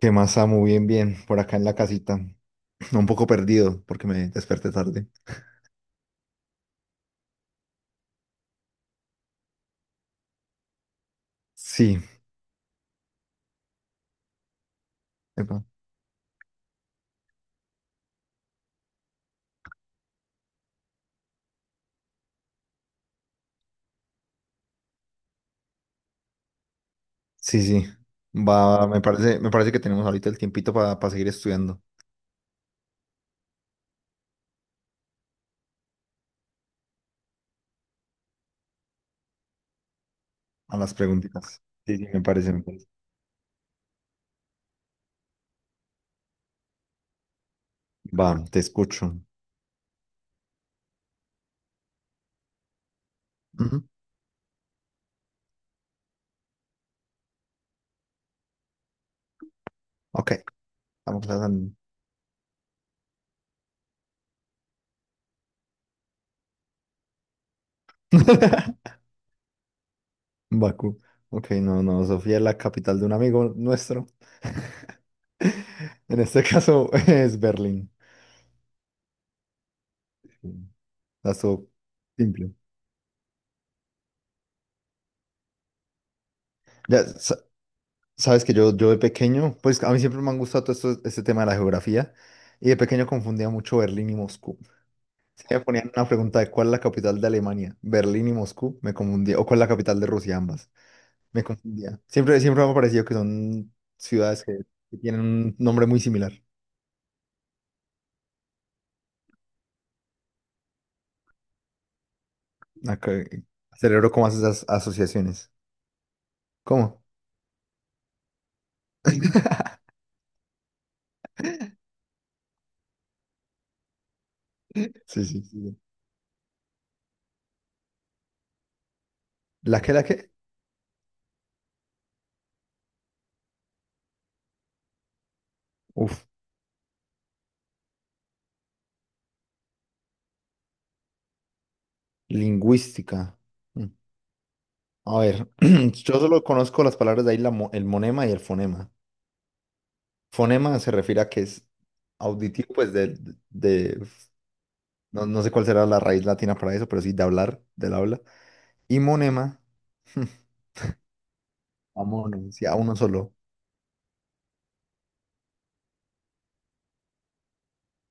¿Qué más, Samu? Bien, bien, por acá en la casita. Un poco perdido porque me desperté tarde. Sí, epa, sí, sí. Va, me parece que tenemos ahorita el tiempito para seguir estudiando a las preguntitas. Sí, sí, me parece. Va, te escucho. Ujú. Ok, vamos a... Bakú. Ok, no, Sofía es la capital de un amigo nuestro. En este caso es Berlín. Sí, la estuvo simple. Ya, sabes que yo de pequeño, pues a mí siempre me han gustado todo esto, este tema de la geografía, y de pequeño confundía mucho Berlín y Moscú. Si me ponían una pregunta de cuál es la capital de Alemania, Berlín y Moscú, me confundía, o cuál es la capital de Rusia, ambas, me confundía. Siempre, siempre me ha parecido que son ciudades que tienen un nombre muy similar. Acá, cerebro, ¿cómo hace esas asociaciones? ¿Cómo? Sí, sí, sí. ¿La qué, la qué? Uf, lingüística. Mm. A ver, yo solo conozco las palabras de ahí, el monema y el fonema. Fonema se refiere a que es auditivo, de- no, no sé cuál será la raíz latina para eso, pero sí de hablar, del habla. Y monema, a mono, sí, a uno solo.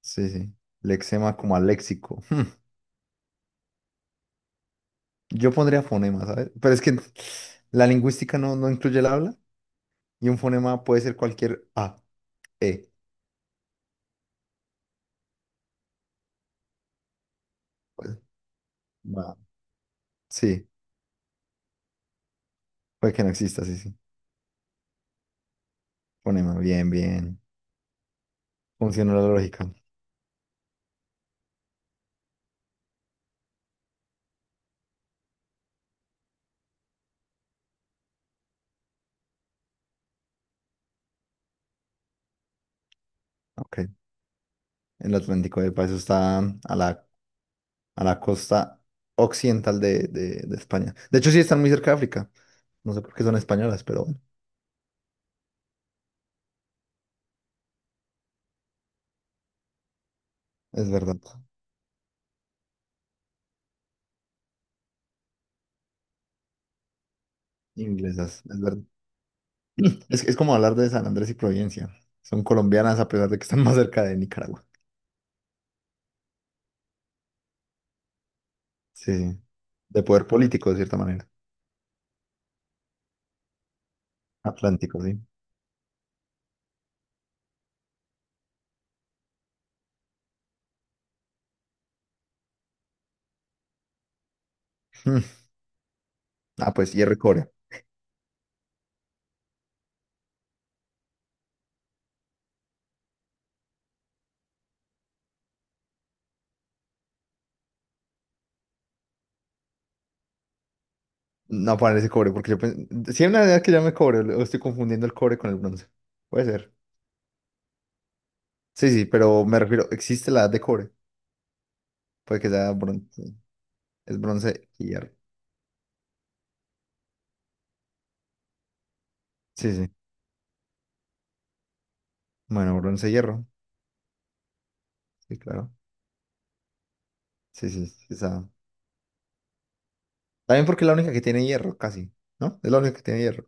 Sí, sí. Lexema como a léxico. Yo pondría fonema, ¿sabes? Pero es que la lingüística no incluye el habla y un fonema puede ser cualquier A, E. Pues, va. Sí, puede que no exista, sí, sí. Fonema, bien, bien. Funcionó la lógica. Ok. El Atlántico, epa, eso está a la costa occidental de España. De hecho, sí están muy cerca de África. No sé por qué son españolas, pero bueno, es verdad. Inglesas, es verdad. Es como hablar de San Andrés y Providencia. Son colombianas a pesar de que están más cerca de Nicaragua. Sí, sí. De poder político, de cierta manera. Atlántico, sí. Mm. Ah, pues, hierro y cobre. No aparece cobre, porque yo pensé... Sí hay una idea que llame cobre, o estoy confundiendo el cobre con el bronce. Puede ser. Sí, sí, pero me refiero, existe la edad de cobre. Puede que sea bronce. Es bronce y hierro. Sí, sí. Bueno, bronce, hierro. Sí, claro. Sí, sí, sí, esa. También porque es la única que tiene hierro, casi, ¿no? Es la única que tiene hierro.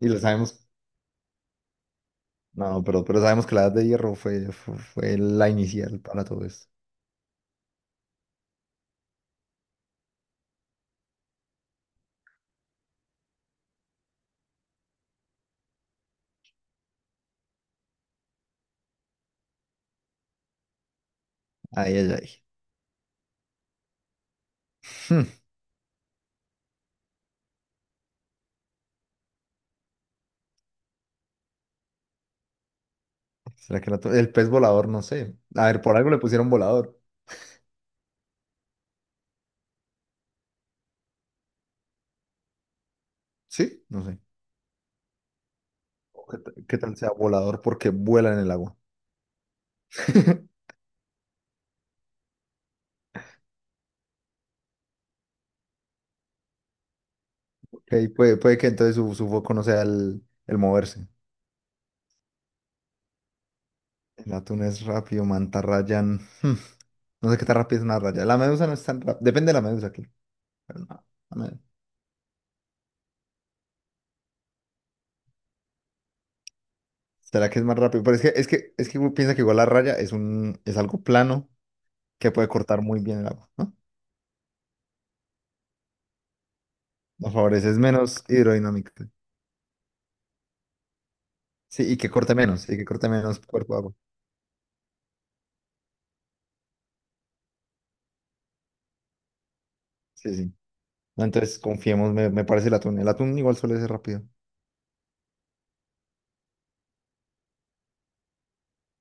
Y lo sabemos. No, pero sabemos que la edad de hierro fue la inicial para todo esto. Ay, ay, ay. Hmm, ¿será que el pez volador? No sé. A ver, por algo le pusieron volador. ¿Sí? No sé. O ¿qué, qué tal sea volador? Porque vuela en el agua. Ok, puede que entonces su foco no sea el moverse. El atún es rápido, mantarrayán. Hmm, no sé qué tan rápido es una raya. La medusa no es tan rápida. Depende de la medusa aquí. Pero no, la medusa. ¿Será que es más rápido? Pero es que uno piensa que igual la raya es un, es algo plano que puede cortar muy bien el agua, ¿no? Nos favorece, es menos hidrodinámico. Sí, y que corte menos cuerpo de agua. Sí, sí. No, entonces confiemos, me parece el atún. El atún igual suele ser rápido.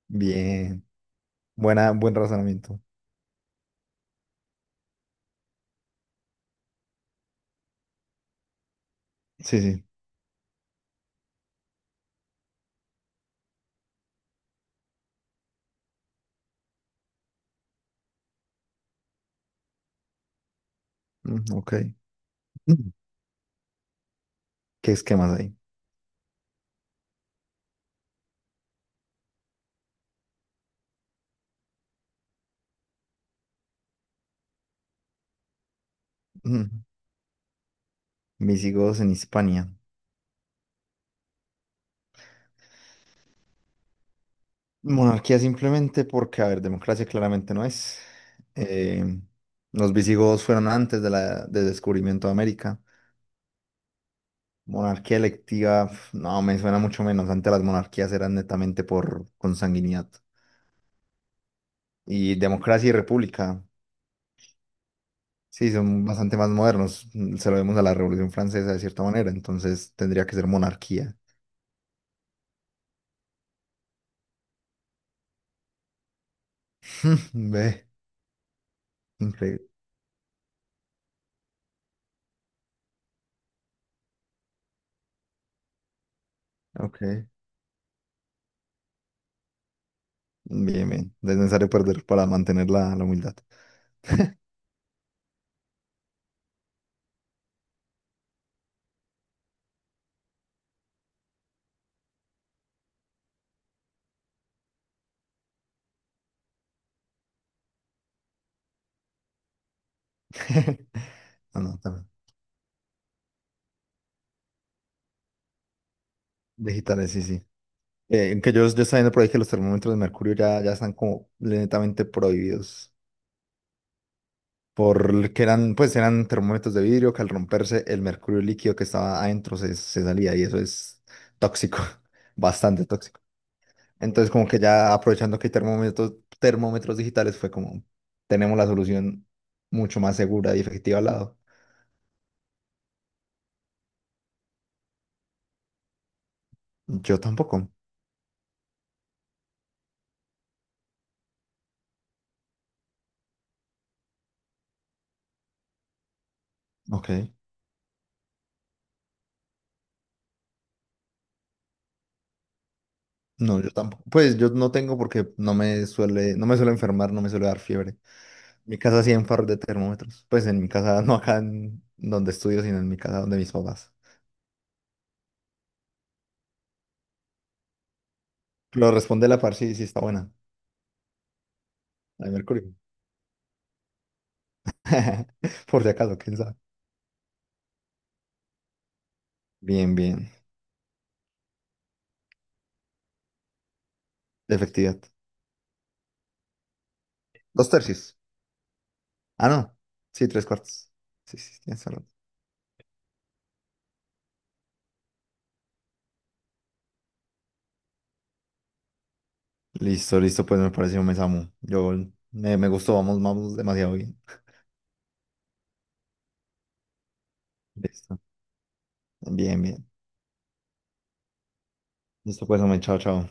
Bien. Buena, buen razonamiento. Sí, sí. Mm, ok. Mm, ¿qué es que más hay? Mm. Visigodos en Hispania. Monarquía simplemente porque, a ver, democracia claramente no es. Eh, los visigodos fueron antes de la, del descubrimiento de América. Monarquía electiva, pf, no, me suena mucho menos. Antes las monarquías eran netamente por consanguinidad. Y democracia y república, sí, son bastante más modernos. Mm, se lo vemos a la Revolución Francesa de cierta manera, entonces tendría que ser monarquía. Ve, increíble. Ok, bien, bien. No es necesario perder para mantener la humildad. Ah, no, también. Digitales, sí, sí. Que yo estaba viendo por ahí que los termómetros de mercurio ya están como lentamente prohibidos. Por que eran, pues eran termómetros de vidrio que al romperse el mercurio líquido que estaba adentro se salía y eso es tóxico, bastante tóxico. Entonces como que ya aprovechando que hay termómetros, termómetros digitales fue como, tenemos la solución mucho más segura y efectiva al lado. Yo tampoco. Ok. No, yo tampoco. Pues yo no tengo porque no me suele enfermar, no me suele dar fiebre. Mi casa sí en par de termómetros. Pues en mi casa, no acá en donde estudio, sino en mi casa donde mis papás. Lo responde la par, sí, sí está buena. La de mercurio. Por si acaso, quién sabe. Bien, bien. De efectividad. Dos tercios. Ah, no. Sí, tres cuartos. Sí, sí, tienes razón. Listo, listo, pues me pareció un mesamo. Yo me gustó, vamos, vamos demasiado bien. Listo. Bien, bien. Listo, pues, hombre, chao, chao.